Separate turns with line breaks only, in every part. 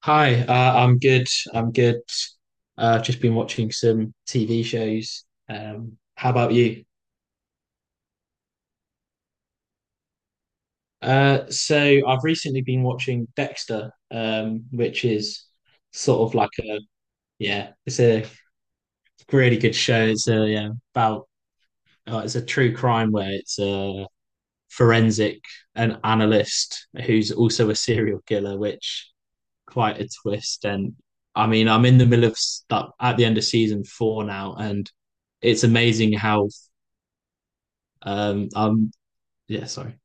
Hi, I'm good. I'm good. I've just been watching some TV shows. How about you? So I've recently been watching Dexter, which is sort of like a yeah, it's a really good show. It's a Yeah, about, it's a true crime where it's a forensic, an analyst who's also a serial killer, which quite a twist. And I mean, I'm in the middle of that at the end of season four now, and it's amazing how. um um yeah, sorry.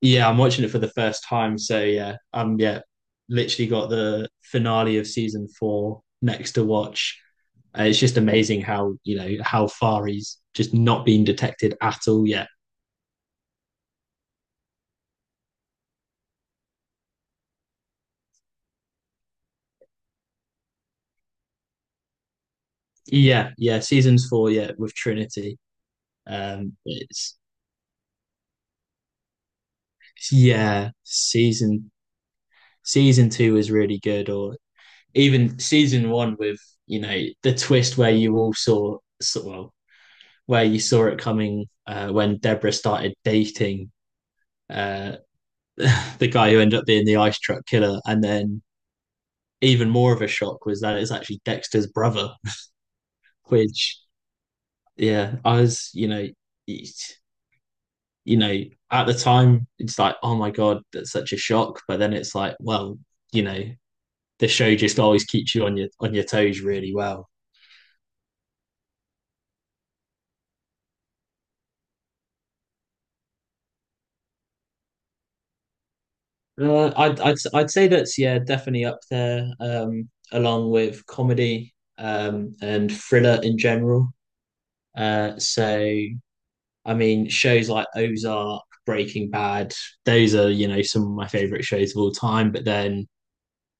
Yeah, I'm watching it for the first time. So, yeah, literally got the finale of season four next to watch. It's just amazing how, you know, how far he's just not been detected at all yet. Yeah, yeah, seasons four, yeah, with Trinity. It's yeah, season season two is really good, or even season one with, you know, the twist where you all saw so, well where you saw it coming, when Deborah started dating, uh, the guy who ended up being the ice truck killer, and then even more of a shock was that it's actually Dexter's brother, which, yeah, I was, you know, at the time it's like, oh my god, that's such a shock, but then it's like, well, you know, the show just always keeps you on your toes really well. I'd say that's, yeah, definitely up there, along with comedy, and thriller in general. So, I mean, shows like Ozark, Breaking Bad, those are, you know, some of my favorite shows of all time. But then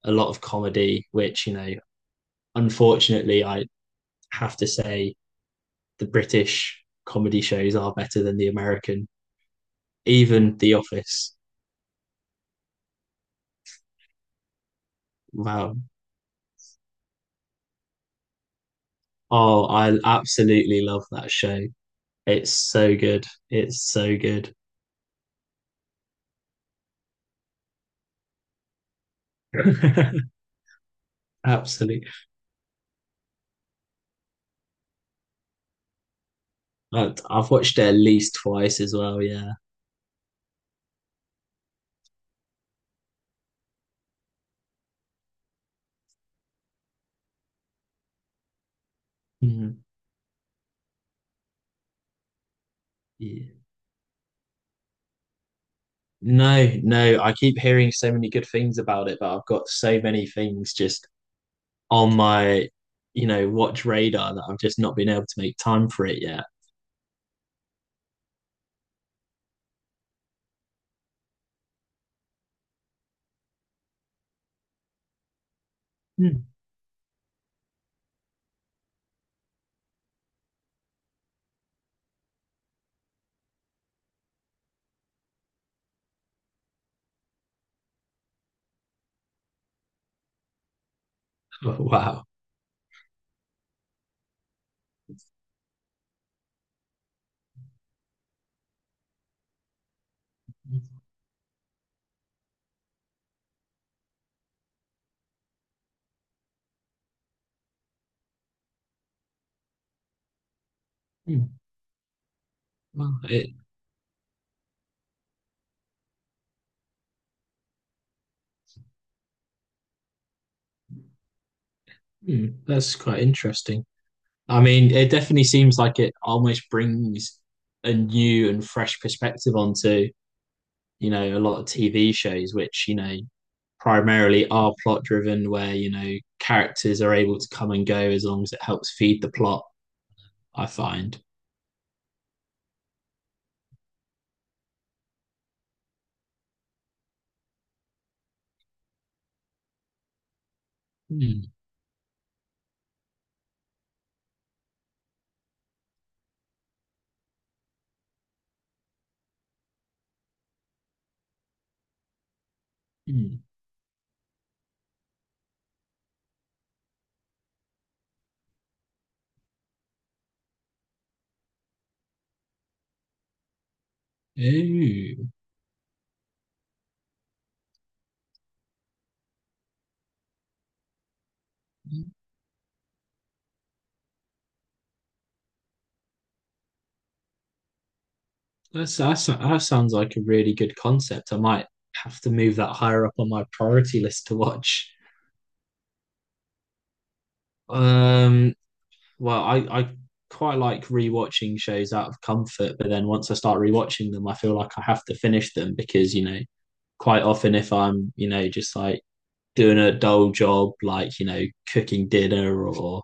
a lot of comedy, which, you know, unfortunately I have to say the British comedy shows are better than the American, even The Office. Wow! Oh, I absolutely love that show. It's so good. It's so good. Absolutely. Have watched it at least twice as well. Yeah. Mhm. Yeah. No, no, I keep hearing so many good things about it, but I've got so many things just on my, you know, watch radar that I've just not been able to make time for it yet. Mm. Oh, wow. Mm. Wow. It, that's quite interesting. I mean, it definitely seems like it almost brings a new and fresh perspective onto, you know, a lot of TV shows which, you know, primarily are plot driven, where, you know, characters are able to come and go as long as it helps feed the plot, I find. Mm. Mm. Ooh. That sounds like a really good concept. I might have to move that higher up on my priority list to watch. Um, well, I quite like rewatching shows out of comfort, but then once I start rewatching them, I feel like I have to finish them because, you know, quite often if I'm, you know, just like doing a dull job, like, you know, cooking dinner or,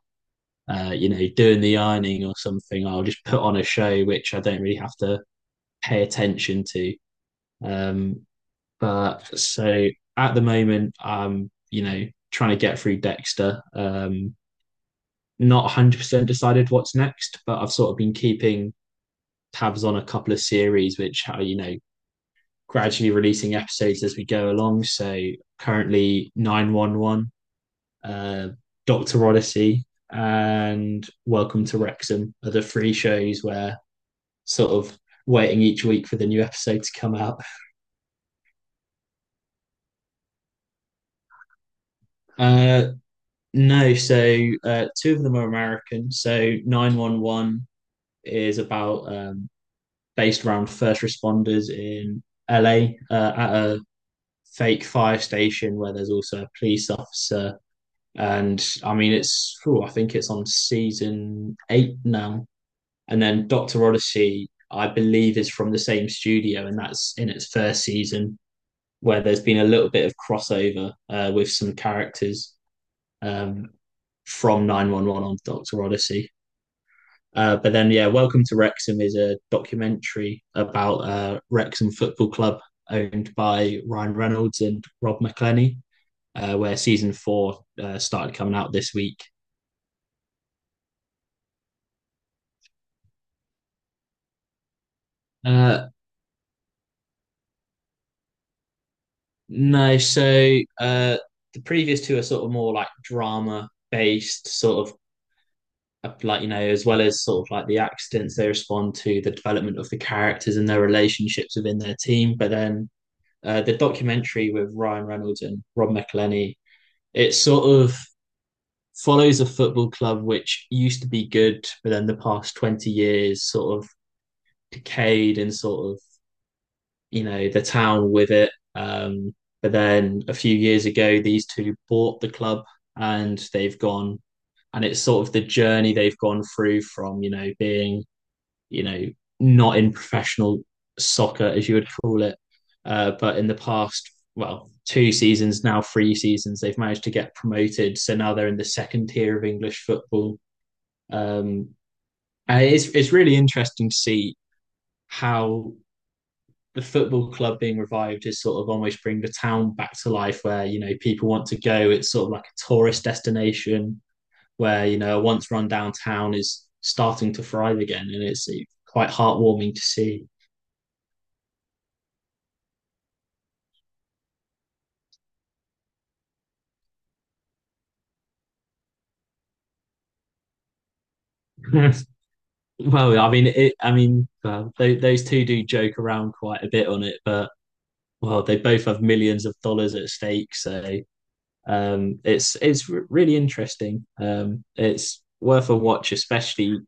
you know, doing the ironing or something, I'll just put on a show which I don't really have to pay attention to. Um, but so at the moment, I'm, you know, trying to get through Dexter. Not 100% decided what's next, but I've sort of been keeping tabs on a couple of series which are, you know, gradually releasing episodes as we go along. So currently 911, uh, Dr. Odyssey, and Welcome to Wrexham are the three shows where sort of waiting each week for the new episode to come out. Uh, no, so, two of them are American. So 911 is about based around first responders in LA, at a fake fire station where there's also a police officer. And I mean, it's, ooh, I think it's on season eight now. And then Dr. Odyssey, I believe, is from the same studio, and that's in its first season where there's been a little bit of crossover, with some characters, um, from 911 on Dr. Odyssey. But then, yeah, Welcome to Wrexham is a documentary about, Wrexham Football Club, owned by Ryan Reynolds and Rob McElhenney, where season four, started coming out this week. Uh, no, so, the previous two are sort of more like drama based, sort of, like, you know, as well as sort of like the accidents they respond to, the development of the characters and their relationships within their team. But then, the documentary with Ryan Reynolds and Rob McElhenney, it's sort of follows a football club which used to be good, but then the past 20 years sort of decayed and sort of, you know, the town with it. But then a few years ago, these two bought the club and they've gone, and it's sort of the journey they've gone through from, you know, being, you know, not in professional soccer, as you would call it. But in the past, well, two seasons now, three seasons, they've managed to get promoted. So now they're in the second tier of English football, um, and it's really interesting to see how the football club being revived is sort of almost bring the town back to life, where, you know, people want to go. It's sort of like a tourist destination where, you know, a once run down town is starting to thrive again, and it's quite heartwarming to see. Well, I mean, well, those two do joke around quite a bit on it, but, well, they both have millions of dollars at stake, so. It's really interesting. It's worth a watch, especially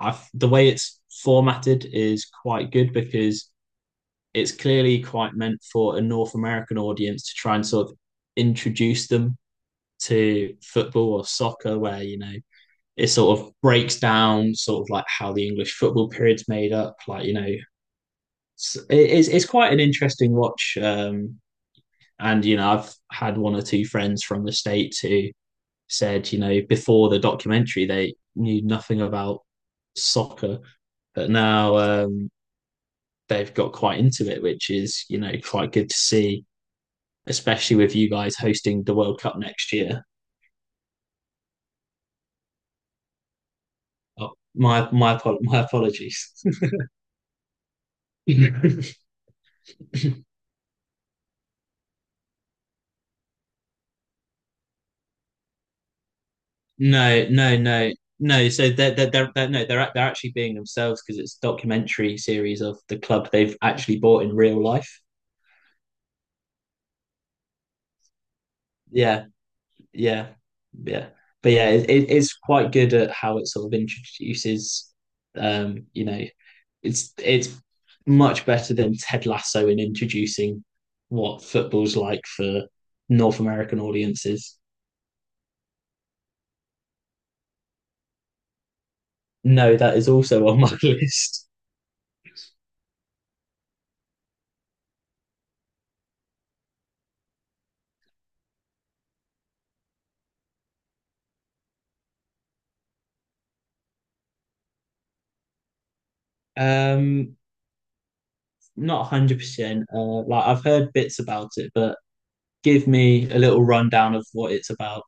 the way it's formatted is quite good because it's clearly quite meant for a North American audience to try and sort of introduce them to football or soccer, where, you know, it sort of breaks down sort of like how the English football period's made up. Like, you know, it's quite an interesting watch. And you know, I've had one or two friends from the states who said, you know, before the documentary, they knew nothing about soccer, but now, they've got quite into it, which is, you know, quite good to see, especially with you guys hosting the World Cup next year. Oh, my apologies. No, no, no, no. So they're no, they're actually being themselves because it's a documentary series of the club they've actually bought in real life. Yeah, yeah, yeah. But yeah, it's quite good at how it sort of introduces, you know, it's much better than Ted Lasso in introducing what football's like for North American audiences. No, that is also on my list. Um, Not 100%. Like, I've heard bits about it, but give me a little rundown of what it's about.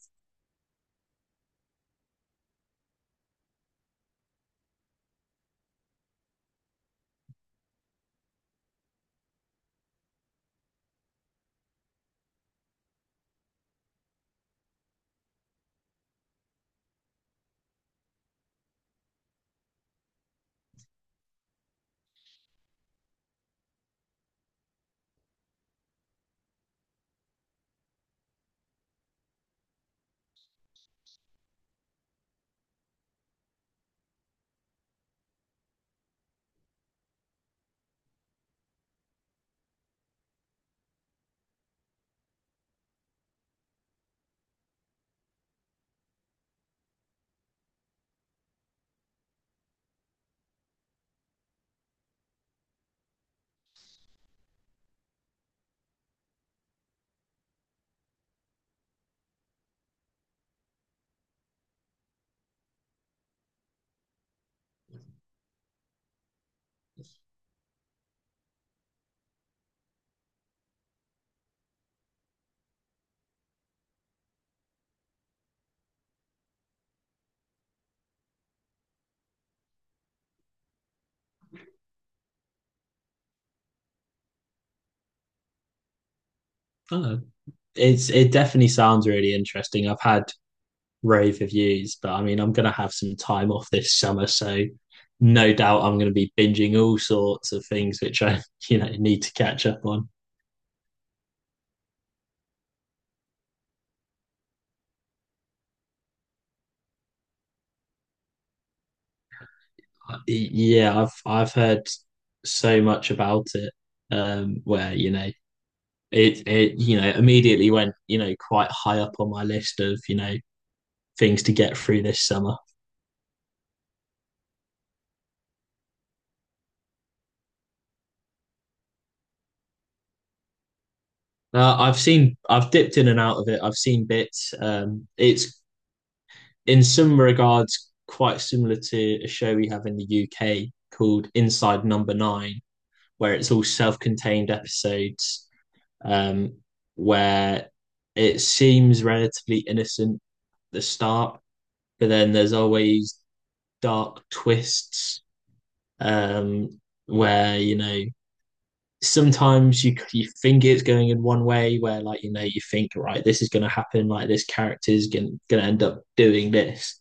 Oh, it definitely sounds really interesting. I've had rave reviews, but I mean, I'm going to have some time off this summer, so no doubt I'm going to be binging all sorts of things which I, you know, need to catch up on. Yeah, I've heard so much about it, where, you know, it, you know, immediately went, you know, quite high up on my list of, you know, things to get through this summer. I've seen, I've dipped in and out of it. I've seen bits. It's in some regards quite similar to a show we have in the UK called Inside Number Nine, where it's all self-contained episodes, um, where it seems relatively innocent at the start, but then there's always dark twists, um, where, you know, sometimes you think it's going in one way, where, like, you know, you think, right, this is going to happen, like this character is going to end up doing this,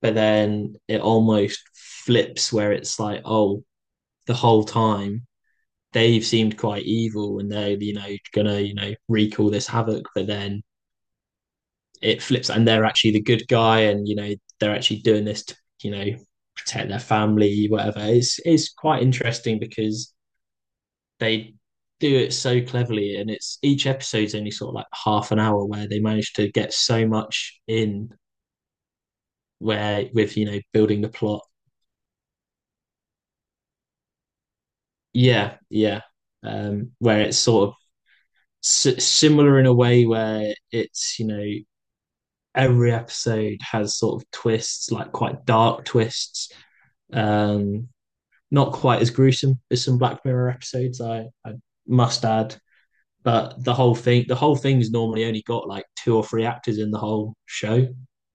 but then it almost flips where it's like, oh, the whole time they've seemed quite evil and they're, you know, gonna, you know, wreak all this havoc, but then it flips and they're actually the good guy, and, you know, they're actually doing this to, you know, protect their family, whatever. It's quite interesting because they do it so cleverly, and it's each episode's only sort of like half an hour where they manage to get so much in, where with, you know, building the plot. Yeah, yeah. Where it's sort of similar in a way where it's, you know, every episode has sort of twists, like quite dark twists. Um, Not quite as gruesome as some Black Mirror episodes, I must add. But the whole thing's normally only got like two or three actors in the whole show.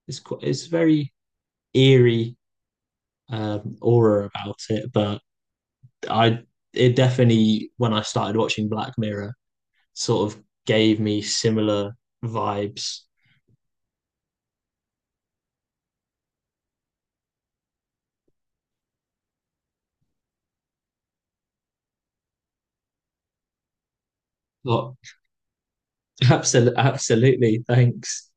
It's very eerie, aura about it. But, I, it definitely when I started watching Black Mirror, sort of gave me similar vibes. But. Absolutely, absolutely. Thanks.